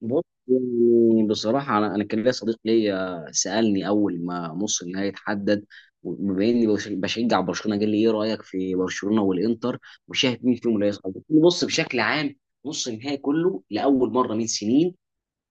بص يعني بصراحة أنا كان ليا صديق ليا سألني أول ما نص النهائي اتحدد، وبما إني بشجع برشلونة قال لي إيه رأيك في برشلونة والإنتر وشايف مين فيهم اللي هيصعد؟ قلت له بص، بشكل عام نص النهائي كله لأول مرة من سنين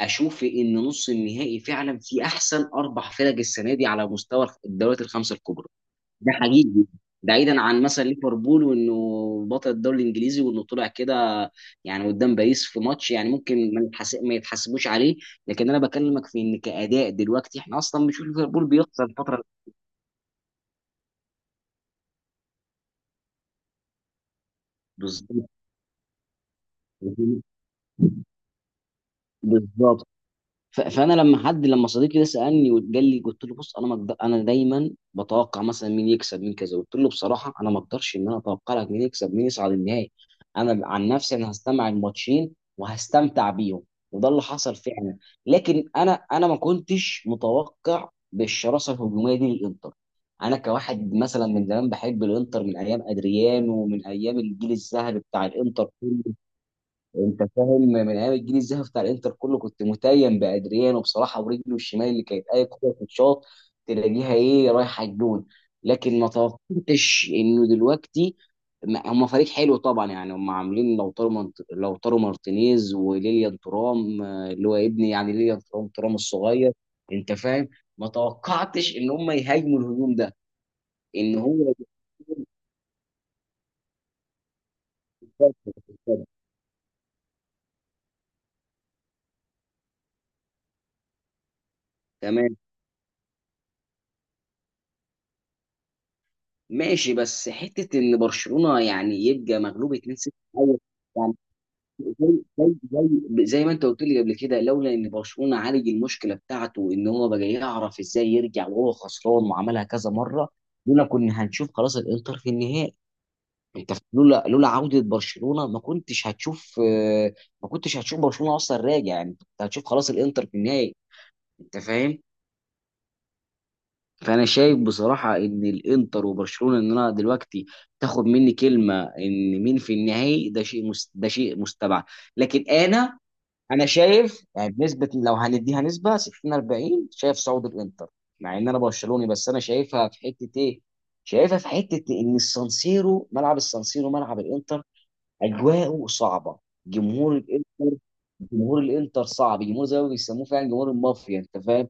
أشوف إن نص النهائي فعلا فيه أحسن أربع فرق السنة دي على مستوى الدوريات الخمسة الكبرى. ده حقيقي. بعيدا عن مثلا ليفربول وانه بطل الدوري الانجليزي وانه طلع كده يعني قدام باريس في ماتش يعني ممكن ما يتحسبوش عليه. لكن انا بكلمك في ان كاداء دلوقتي احنا اصلا بنشوف ليفربول بيخسر الفتره. بالظبط، بالظبط. فانا لما حد، لما صديقي ده سالني وقال لي قلت له بص، انا ما أقدر- انا دايما بتوقع مثلا مين يكسب مين كذا، قلت له بصراحه انا ما اقدرش ان انا اتوقع لك مين يكسب، مين يصعد النهائي. انا عن نفسي انا هستمع الماتشين وهستمتع بيهم، وده اللي حصل فعلا. لكن انا ما كنتش متوقع بالشراسه الهجوميه دي للانتر. انا كواحد مثلا من زمان بحب الانتر، من ايام ادريانو ومن ايام الجيل الذهبي بتاع الانتر. انت فاهم، من ايام الجيل الذهبي بتاع الانتر كله كنت متيم بادريان، وبصراحه ورجله الشمال اللي كانت اي كره تتشاط تلاقيها ايه رايحه الجون. لكن ما توقعتش انه دلوقتي، هم فريق حلو طبعا يعني، هم عاملين لوتارو مارتينيز وليليان ترام، اللي هو ابني يعني، ليليان ترام، ترام الصغير. انت فاهم، ما توقعتش ان هم يهاجموا الهجوم ده. ان هو يكون- تمام، ماشي، بس حته ان برشلونه يعني يبقى مغلوب 2-0. أول- يعني زي زي زي ما انت قلت لي قبل كده، لولا ان برشلونه عالج المشكله بتاعته ان هو بقى يعرف ازاي يرجع وهو خسران وعملها كذا مره، لولا كنا هنشوف خلاص الانتر في النهائي. انت لولا عوده برشلونه، ما كنتش هتشوف، ما كنتش هتشوف برشلونه اصلا راجع يعني، انت هتشوف خلاص الانتر في النهائي. انت فاهم. فانا شايف بصراحه ان الانتر وبرشلونه، ان انا دلوقتي تاخد مني كلمه ان مين في النهائي، ده ده شيء مستبعد. لكن انا، انا شايف يعني بنسبه، لو هنديها نسبه 60 40، شايف صعود الانتر مع ان انا برشلوني. بس انا شايفها في حته ايه؟ شايفها في حته ان السانسيرو، ملعب السانسيرو ملعب الانتر، اجواءه صعبه، جمهور الانتر، جمهور الانتر صعب، جمهور زي ما بيسموه فعلا جمهور المافيا. انت فاهم؟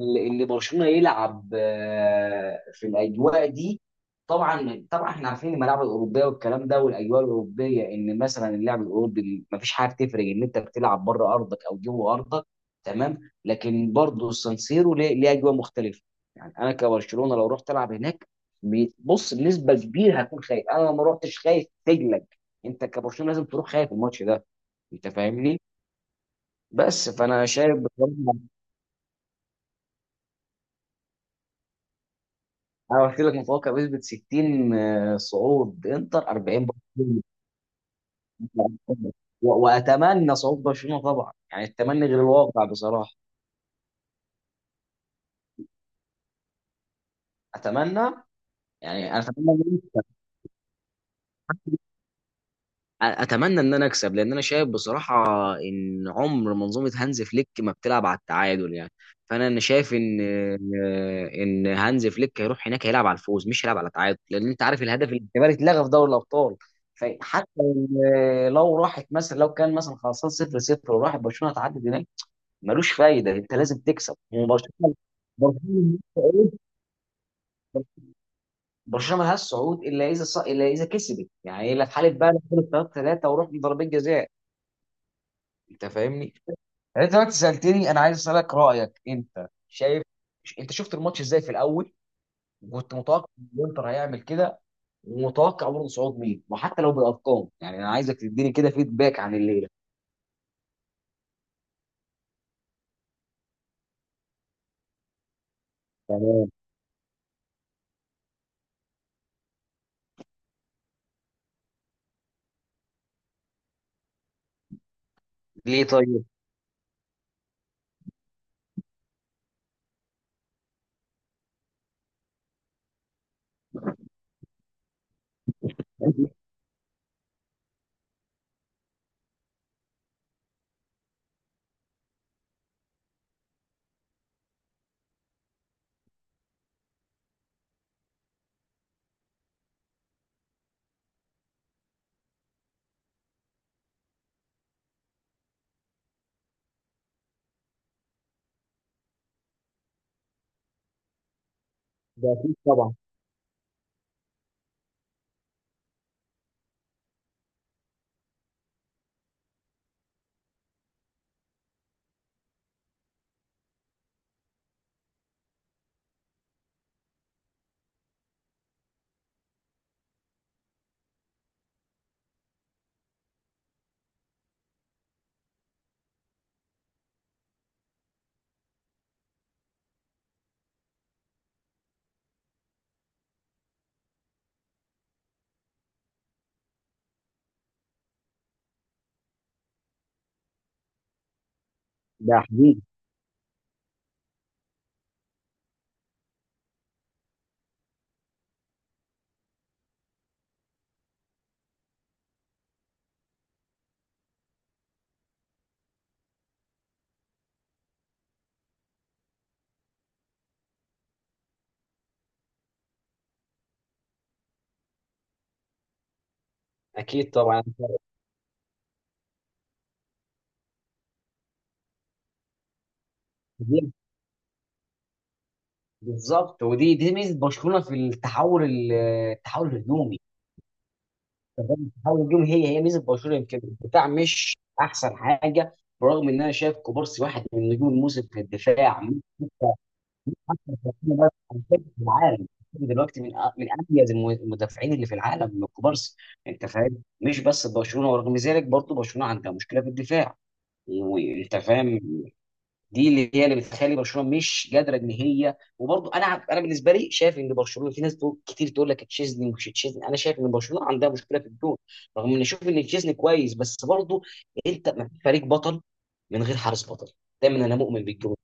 اللي برشلونه يلعب في الاجواء دي. طبعا طبعا احنا عارفين الملاعب الاوروبيه والكلام ده والاجواء الاوروبيه ان مثلا اللعب الاوروبي مفيش حاجه تفرق ان انت بتلعب بره ارضك او جوه ارضك، تمام. لكن برضه السانسيرو ليه ليه اجواء مختلفه. يعني انا كبرشلونه لو رحت العب هناك، بص بنسبه كبيره هكون خايف. انا لو ما رحتش خايف تجلك، انت كبرشلونه لازم تروح خايف الماتش ده. انت فاهمني؟ بس فانا شايف بصراحه، انا قلت لك متوقع بنسبه 60، صعود انتر، 40 برشلونه. واتمنى صعود برشلونه طبعا، يعني التمني غير الواقع بصراحه. اتمنى. يعني انا اتمنى، اتمنى ان انا اكسب لان انا شايف بصراحه ان عمر منظومه هانز فليك ما بتلعب على التعادل يعني. فانا شايف ان هانز فليك هيروح هناك هيلعب على الفوز مش هيلعب على التعادل، لان انت عارف الهدف الاجتماعي اتلغى في دوري الابطال. فحتى لو راحت مثلا، لو كان مثلا خلصان 0 0 وراحت برشلونه تعدي هناك، ملوش فايده. انت لازم تكسب وبرشلونه. برشلونه برشلونه ملهاش صعود الا اذا، كسبت يعني، الا في حاله بقى 3 3 وروح لضربات جزاء. انت فاهمني؟ يعني انت دلوقتي سالتني، انا عايز اسالك رايك. انت شايف، انت شفت الماتش ازاي في الاول؟ وكنت متوقع ان الانتر هيعمل كده؟ ومتوقع برضه صعود مين؟ وحتى لو بالارقام، يعني انا عايزك تديني كده فيدباك عن الليله. تمام. ليه طيب؟ ده اكيد طبعا. ده حبيبي، اكيد طبعا. دي- بالظبط. ودي دي ميزه برشلونه في التحول التحول الهجومي. تمام. حاول الجون هي ميزه برشلونه. يمكن الدفاع مش احسن حاجه، برغم ان انا شايف كوبارسي واحد من نجوم الموسم في الدفاع. ممكن يبقى أحسن. تسليم، بس على فكرة في العالم دلوقتي، من اميز المدافعين اللي في العالم من كوبارسي. انت فاهم؟ مش بس برشلونه، ورغم ذلك برضه برشلونه عندها مشكله في الدفاع. وانت فاهم، دي اللي هي اللي بتخلي برشلونه مش قادره ان هي، وبرضه انا، انا بالنسبه لي شايف ان برشلونه، في ناس تقول كتير تقول لك تشيزني مش تشيزني، انا شايف ان برشلونه عندها مشكله في الجون، رغم ان اشوف ان تشيزني كويس. بس برضه انت، ما فيش فريق بطل من غير حارس بطل. دايما انا مؤمن بالجون.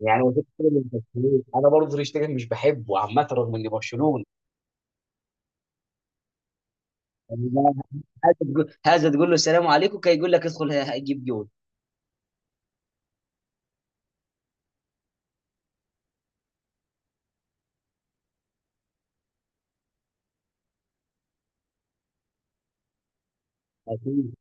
يعني وشفت كده من برشلونة. انا برضه تشتغل مش بحبه عامه رغم ان برشلونه. يعني هذا تقول، هذا تقول له السلام عليكم كي يقول لك ادخل، هجيب جول. أكيد.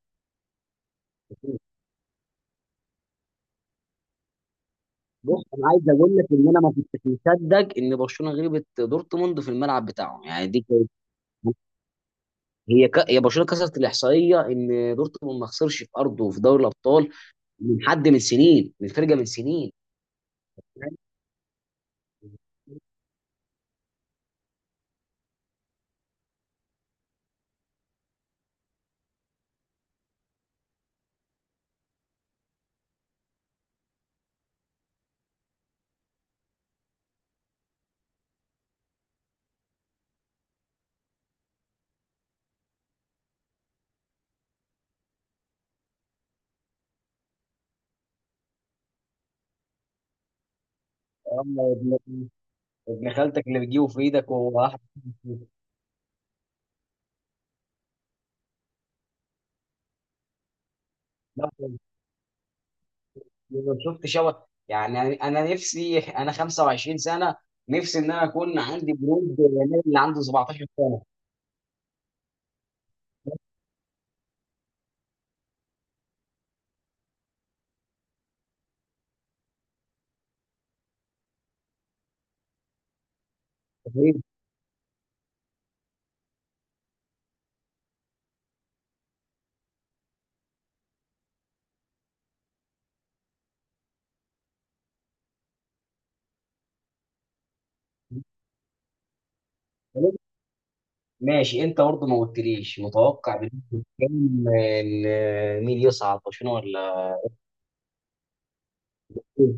بص انا عايز اقول لك ان انا ما كنتش مصدق ان برشلونه غلبت دورتموند في الملعب بتاعهم، يعني دي كانت. هي برشلونه كسرت الاحصائيه ان دورتموند ما خسرش في ارضه في دوري الابطال من حد، من سنين، من فرقه من سنين. أما ابن، ابن خالتك اللي بتجيبه في ايدك وهو واحد. لا، أنا شفت شبه. يعني انا، أنا نفسي، انا 25 سنه، نفسي ان انا اكون عندي جنود النادي اللي عنده 17 سنه. ماشي. انت برضه ما قلتليش متوقع بنسبة كام ان مين يصعد، برشلونه ولا؟ إيه؟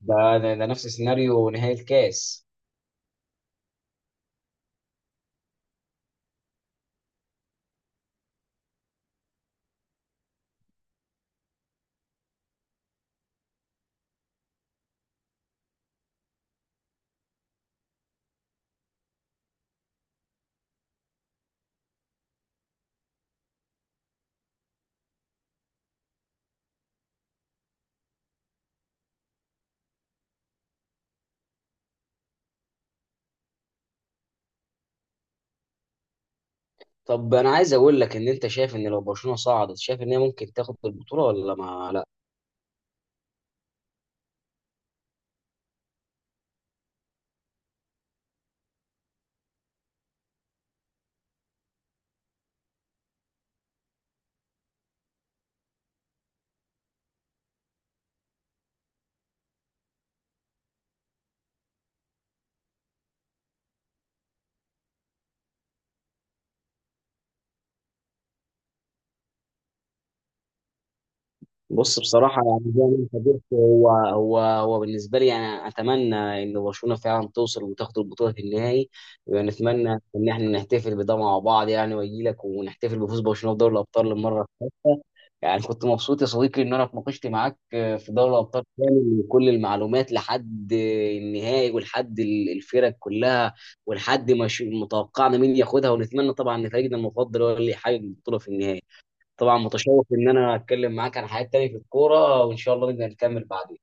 ده نفس سيناريو نهائي الكاس. طب انا عايز اقول لك، ان انت شايف ان لو برشلونه صعدت، شايف ان هي ممكن تاخد البطوله ولا ما؟ بص بصراحة، يعني زي ما انت قلت، هو هو بالنسبة لي يعني أتمنى إن برشلونة فعلا توصل وتاخد البطولة في النهائي، ونتمنى إن إحنا نحتفل بده مع بعض. يعني وأجي لك ونحتفل بفوز برشلونة بدوري الأبطال للمرة الثالثة. يعني كنت مبسوط يا صديقي إن أنا اتناقشت معاك في دوري الأبطال كامل وكل المعلومات لحد النهائي ولحد الفرق كلها ولحد ما ش- متوقعنا مين ياخدها، ونتمنى طبعا إن فريقنا المفضل هو اللي يحقق البطولة في النهائي. طبعا متشوق ان انا اتكلم معاك عن حاجات تانية في الكوره، وان شاء الله نقدر نكمل بعدين.